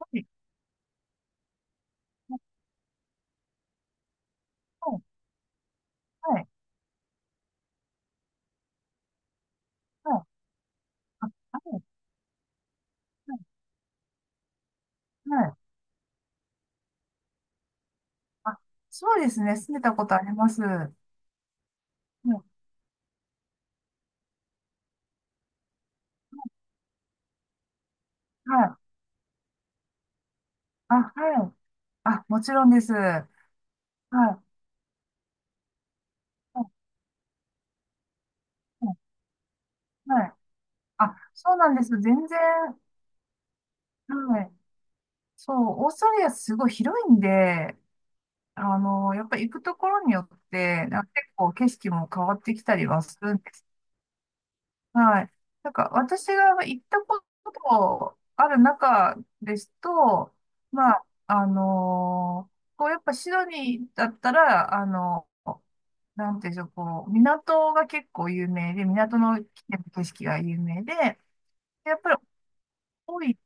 はい、はい、はい、はい、あ、はい、はい、はい、あ、はい、はい、あ、そうですね。住んでたことあります。はい、はい、あ、はい。あ、もちろんです。はい、はい、はい。はい、あ、そうなんです。全然、はい。そう、オーストラリアすごい広いんで、あの、やっぱり行くところによって、なんか結構景色も変わってきたりはする。はい。なんか、私が行ったことある中ですと、まあ、こう、やっぱシドニーだったら、あの、なんていうんでしょう、こう、港が結構有名で、港の景色が有名で、やっぱり多い。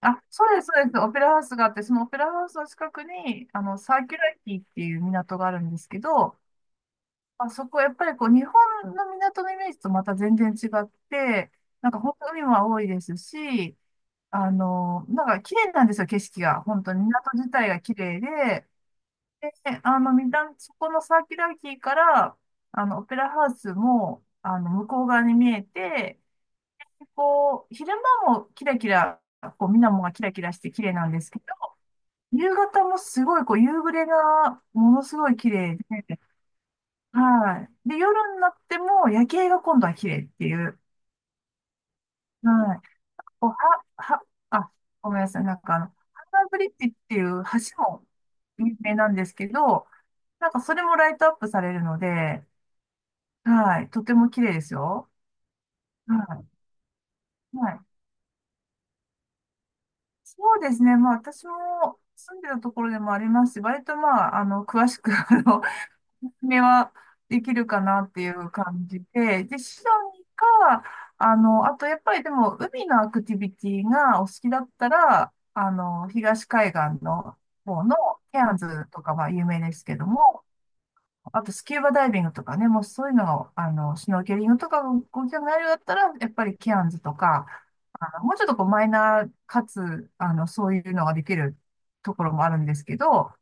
あ、そうです、そうです、オペラハウスがあって、そのオペラハウスの近くに、あの、サーキュラティっていう港があるんですけど、あそこ、やっぱりこう、日本の港のイメージとまた全然違って、なんか本当海も多いですし、あの、なんか綺麗なんですよ、景色が。本当に港自体が綺麗で、で、あの、みなそこのサーキュラリティから、あの、オペラハウスも、あの、向こう側に見えて、こう、昼間もキラキラ、こう、水面がキラキラして綺麗なんですけど、夕方もすごい、こう、夕暮れがものすごい綺麗で、はい。で、夜になっても夜景が今度は綺麗っていう。はい。こうは、は、あ、ごめんなさい。なんかあの、ハンナブリッジっていう橋も有名なんですけど、なんかそれもライトアップされるので、はい。とても綺麗ですよ。はい。はい。そうですね。まあ私も住んでたところでもありますし、割とまあ、あの、詳しく、あの、めはできるかなっていう感じで、で、シドニーか、あの、あとやっぱりでも海のアクティビティがお好きだったら、あの、東海岸の方のケアンズとかは有名ですけども、あとスキューバダイビングとかね、もうそういうのをあの、シュノーケリングとかご興味あるようだったら、やっぱりケアンズとか、あの、もうちょっとこうマイナーかつ、あの、そういうのができるところもあるんですけど、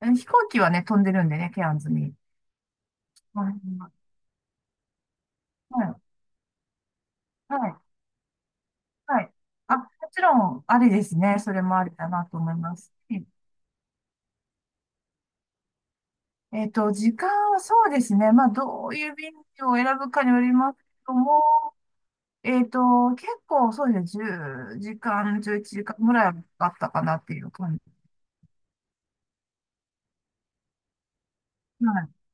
飛行機はね、飛んでるんでね、ケアンズに。うん、はい。はい。はい。あ、もちろん、ありですね。それもありだなと思いますし。時間はそうですね。まあ、どういう便を選ぶかによりますけども、えっと、結構そうですね。10時間、11時間ぐらいあったかなっていう感じ。はい。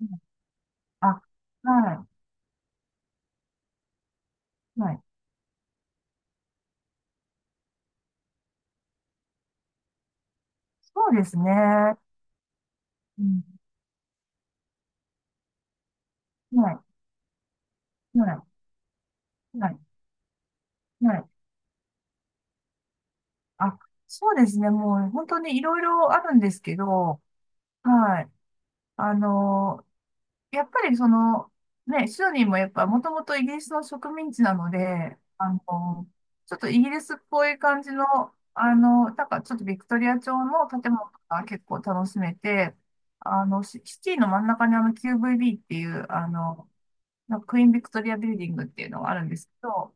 うん、あ、はい。はい。そうですね。うん。はい。はい。はい。はい。あ、そうですね。もう本当にいろいろあるんですけど、はい。あの、やっぱりその、ね、シドニーもやっぱもともとイギリスの植民地なので、あの、ちょっとイギリスっぽい感じの、あの、なんかちょっとビクトリア朝の建物が結構楽しめて、あの、シシティの真ん中にあの QVB っていう、あの、なんかクイーンビクトリアビルディングっていうのがあるんですけど、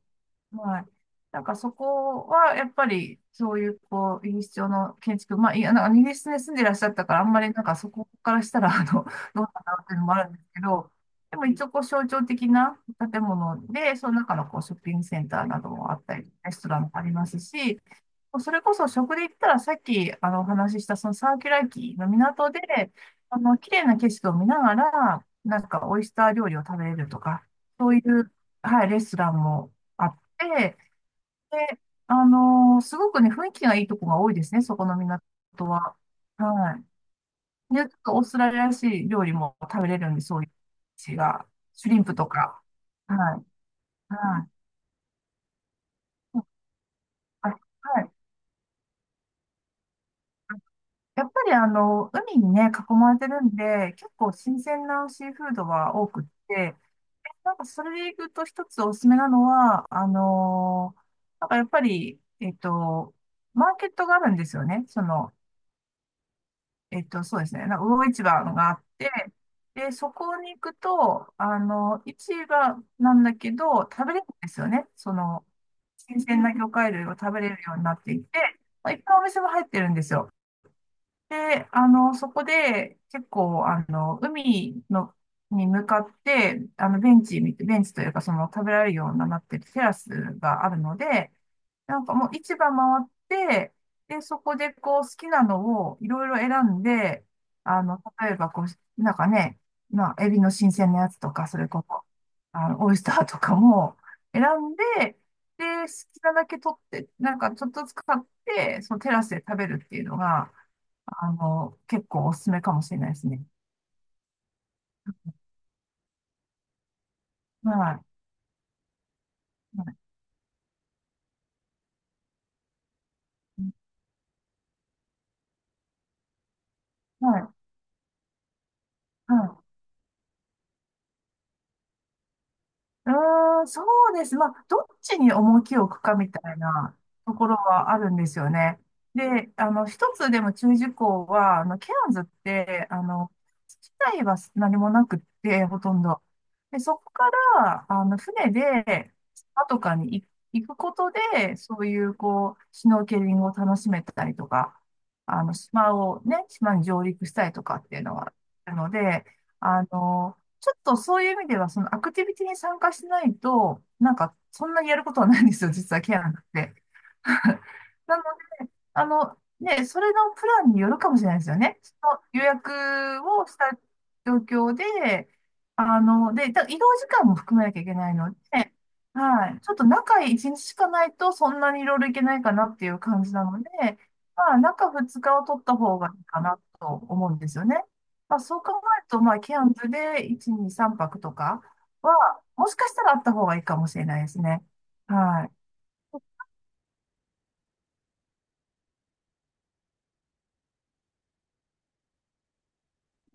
はい。なんかそこは、やっぱり、そういう、こう、イギリス調の建築、まあ、いや、なんかイギリスに住んでいらっしゃったから、あんまりなんかそこからしたら、あの、どうかなっていうのもあるんですけど、でも一応、こう、象徴的な建物で、その中の、こう、ショッピングセンターなどもあったり、レストランもありますし、それこそ食で言ったらさっきあのお話ししたそのサーキュラーキーの港で、あの、綺麗な景色を見ながら、なんかオイスター料理を食べれるとか、そういう、はい、レストランもあって、で、あのすごくね、雰囲気がいいとこが多いですね、そこの港は。はい。で、ちょっとオーストラリアらしい料理も食べれるんで、そういう地が、シュリンプとか。はい。はい。あ、はい。やっぱりあの、海にね、囲まれてるんで、結構新鮮なシーフードは多くって、なんかそれでいくと一つおすすめなのは、なんかやっぱり、マーケットがあるんですよね。その、そうですね。なんか魚市場があって、で、そこに行くと、あの、市場なんだけど、食べれるんですよね。その、新鮮な魚介類を食べれるようになっていて、まあいっぱいお店が入ってるんですよ。で、あの、そこで、結構、あの、海の、に向かって、あの、ベンチというか、その、食べられるようになってるテラスがあるので、なんかもう市場回って、で、そこでこう好きなのをいろいろ選んで、あの、例えばこう、なんかね、まあ、エビの新鮮なやつとか、それこそ、あの、オイスターとかも選んで、で、好きなだけ取って、なんかちょっとずつ買って、そのテラスで食べるっていうのが、あの、結構おすすめかもしれないですね。はい。はい。はい。はい。うーん、そうです。まあ、どっちに重きを置くかみたいなところはあるんですよね。で、あの、一つでも注意事項は、あの、ケアンズって、あの、自体は何もなくって、ほとんど。で、そこから、あの、船で、島とかに行くことで、そういう、こう、シュノーケリングを楽しめたりとか、あの、島をね、島に上陸したりとかっていうのはあるので、あの、ちょっとそういう意味では、そのアクティビティに参加しないと、なんか、そんなにやることはないんですよ、実はケアなんて。なの、あの、ね、それのプランによるかもしれないですよね。その予約をした状況で、あの、で、移動時間も含めなきゃいけないので、はい。ちょっと中1日しかないと、そんなにいろいろいけないかなっていう感じなので、まあ、中2日を取った方がいいかなと思うんですよね。まあ、そう考えると、まあ、キャンプで1、2、3泊とかは、もしかしたらあった方がいいかもしれないですね。は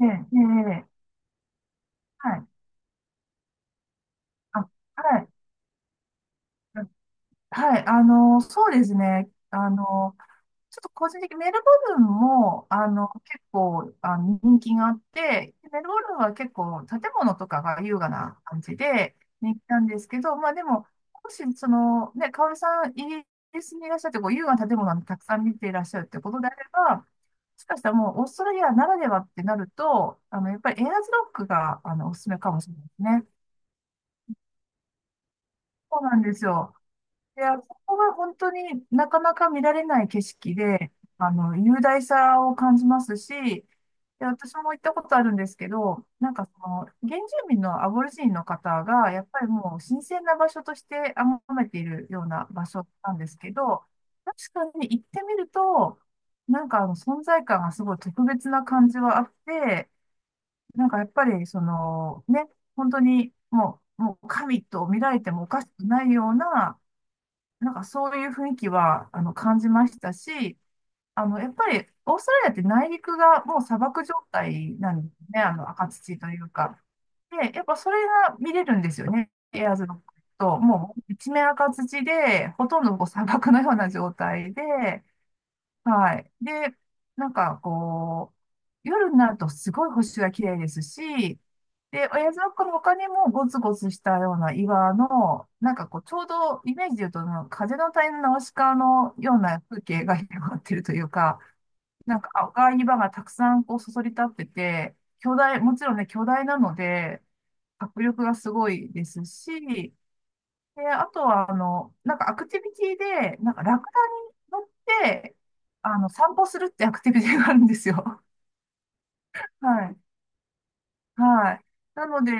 い。ええ、ええ、ええ、はい。あ、はい。はい、あの、そうですね。あの、ちょっと個人的にメルボルンも、あの、結構、あの、人気があって、メルボルンは結構建物とかが優雅な感じで人気なんですけど、まあでも、もし、その、ね、香織さん、イギリスにいらっしゃって、こう、優雅な建物をたくさん見ていらっしゃるってことであれば、もしかしたらもう、オーストラリアならではってなると、あの、やっぱりエアーズロックが、あの、おすすめかもしれないですね。そうなんですよ。いや、そこが本当になかなか見られない景色で、雄大さを感じますし、で、私も行ったことあるんですけど、なんかその、原住民のアボリジニの方が、やっぱりもう神聖な場所として崇めているような場所なんですけど、確かに行ってみると、なんかあの存在感がすごい特別な感じはあって、なんかやっぱりその、ね、本当にもう神と見られてもおかしくないような、なんかそういう雰囲気は、感じましたし、やっぱり、オーストラリアって内陸がもう砂漠状態なんですね。あの、赤土というか。で、やっぱそれが見れるんですよね。エアーズロックと、もう一面赤土で、ほとんどこう砂漠のような状態で、はい。で、なんかこう、夜になるとすごい星が綺麗ですし、で、親父のの他にもゴツゴツしたような岩の、なんかこう、ちょうどイメージで言うと、なんか風の谷のナウシカのような風景が 広がってるというか、なんか赤い岩がたくさんこうそそり立ってて、巨大、もちろんね、巨大なので、迫力がすごいですし、で、あとは、なんかアクティビティで、なんかラクダに乗って、散歩するってアクティビティがあるんですよ。はい。はい。なので、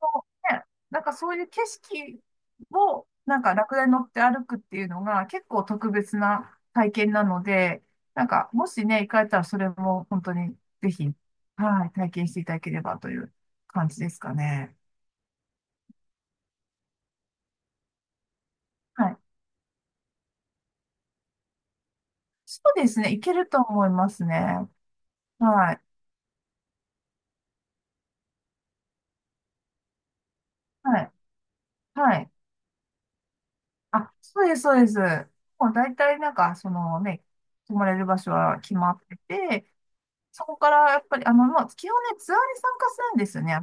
そうね、なんかそういう景色を、なんかラクダに乗って歩くっていうのが結構特別な体験なので、なんか、もしね、行かれたらそれも本当にぜひ、はい、体験していただければという感じですかね。はい。そうですね、行けると思いますね。はい。はい。はい。あ、そうです、そうです。もう大体なんか、そのね、泊まれる場所は決まってて、そこからやっぱり、まあ、基本ね、ツアーに参加するんですよね。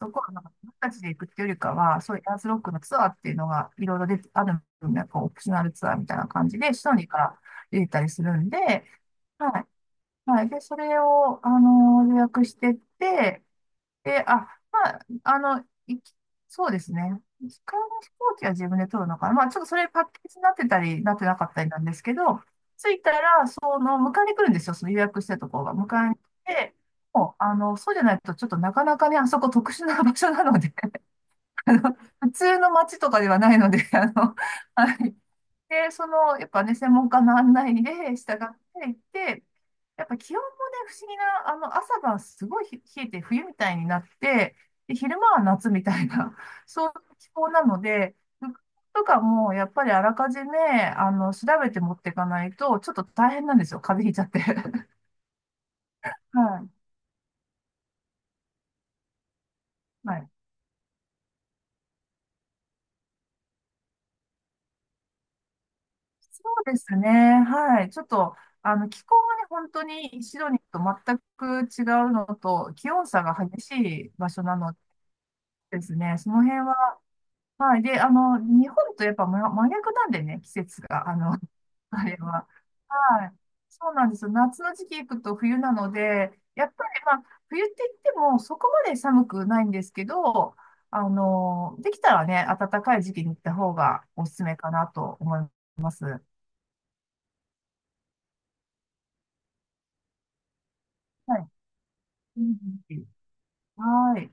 そこはなんか、僕たちで行くっていうよりかは、そういうエアーズロックのツアーっていうのが、いろいろ出て、あるんで、こう、オプショナルツアーみたいな感じで、シドニーから出てたりするんで、はい。はい。で、それを、予約してって、で、あ、まあ、いきそうですね。機械の飛行機は自分で取るのかな。まあ、ちょっとそれパッケージになってたり、なってなかったりなんですけど、着いたら、その、迎えに来るんですよ。その予約したところが。迎えに来て、もう、そうじゃないと、ちょっとなかなかね、あそこ特殊な場所なので、あの、普通の街とかではないので、はいで、その、やっぱね、専門家の案内で従っていって、やっぱ気温もね、不思議な、朝晩すごい冷えて冬みたいになって、で、昼間は夏みたいな、そういう気候なので、服とかもやっぱりあらかじめ、調べて持っていかないと、ちょっと大変なんですよ。風邪ひいちゃって。はい。はい。そうですね。はい。ちょっと、気候がね、本当にシドニーと全く違うのと、気温差が激しい場所なのですね。その辺は、はい。で、日本とやっぱ真真逆なんでね、季節が、あれは。はい。そうなんですよ。夏の時期行くと冬なので、やっぱりまあ、冬って言ってもそこまで寒くないんですけど、できたらね、暖かい時期に行った方がおすすめかなと思います。はい。うんはい。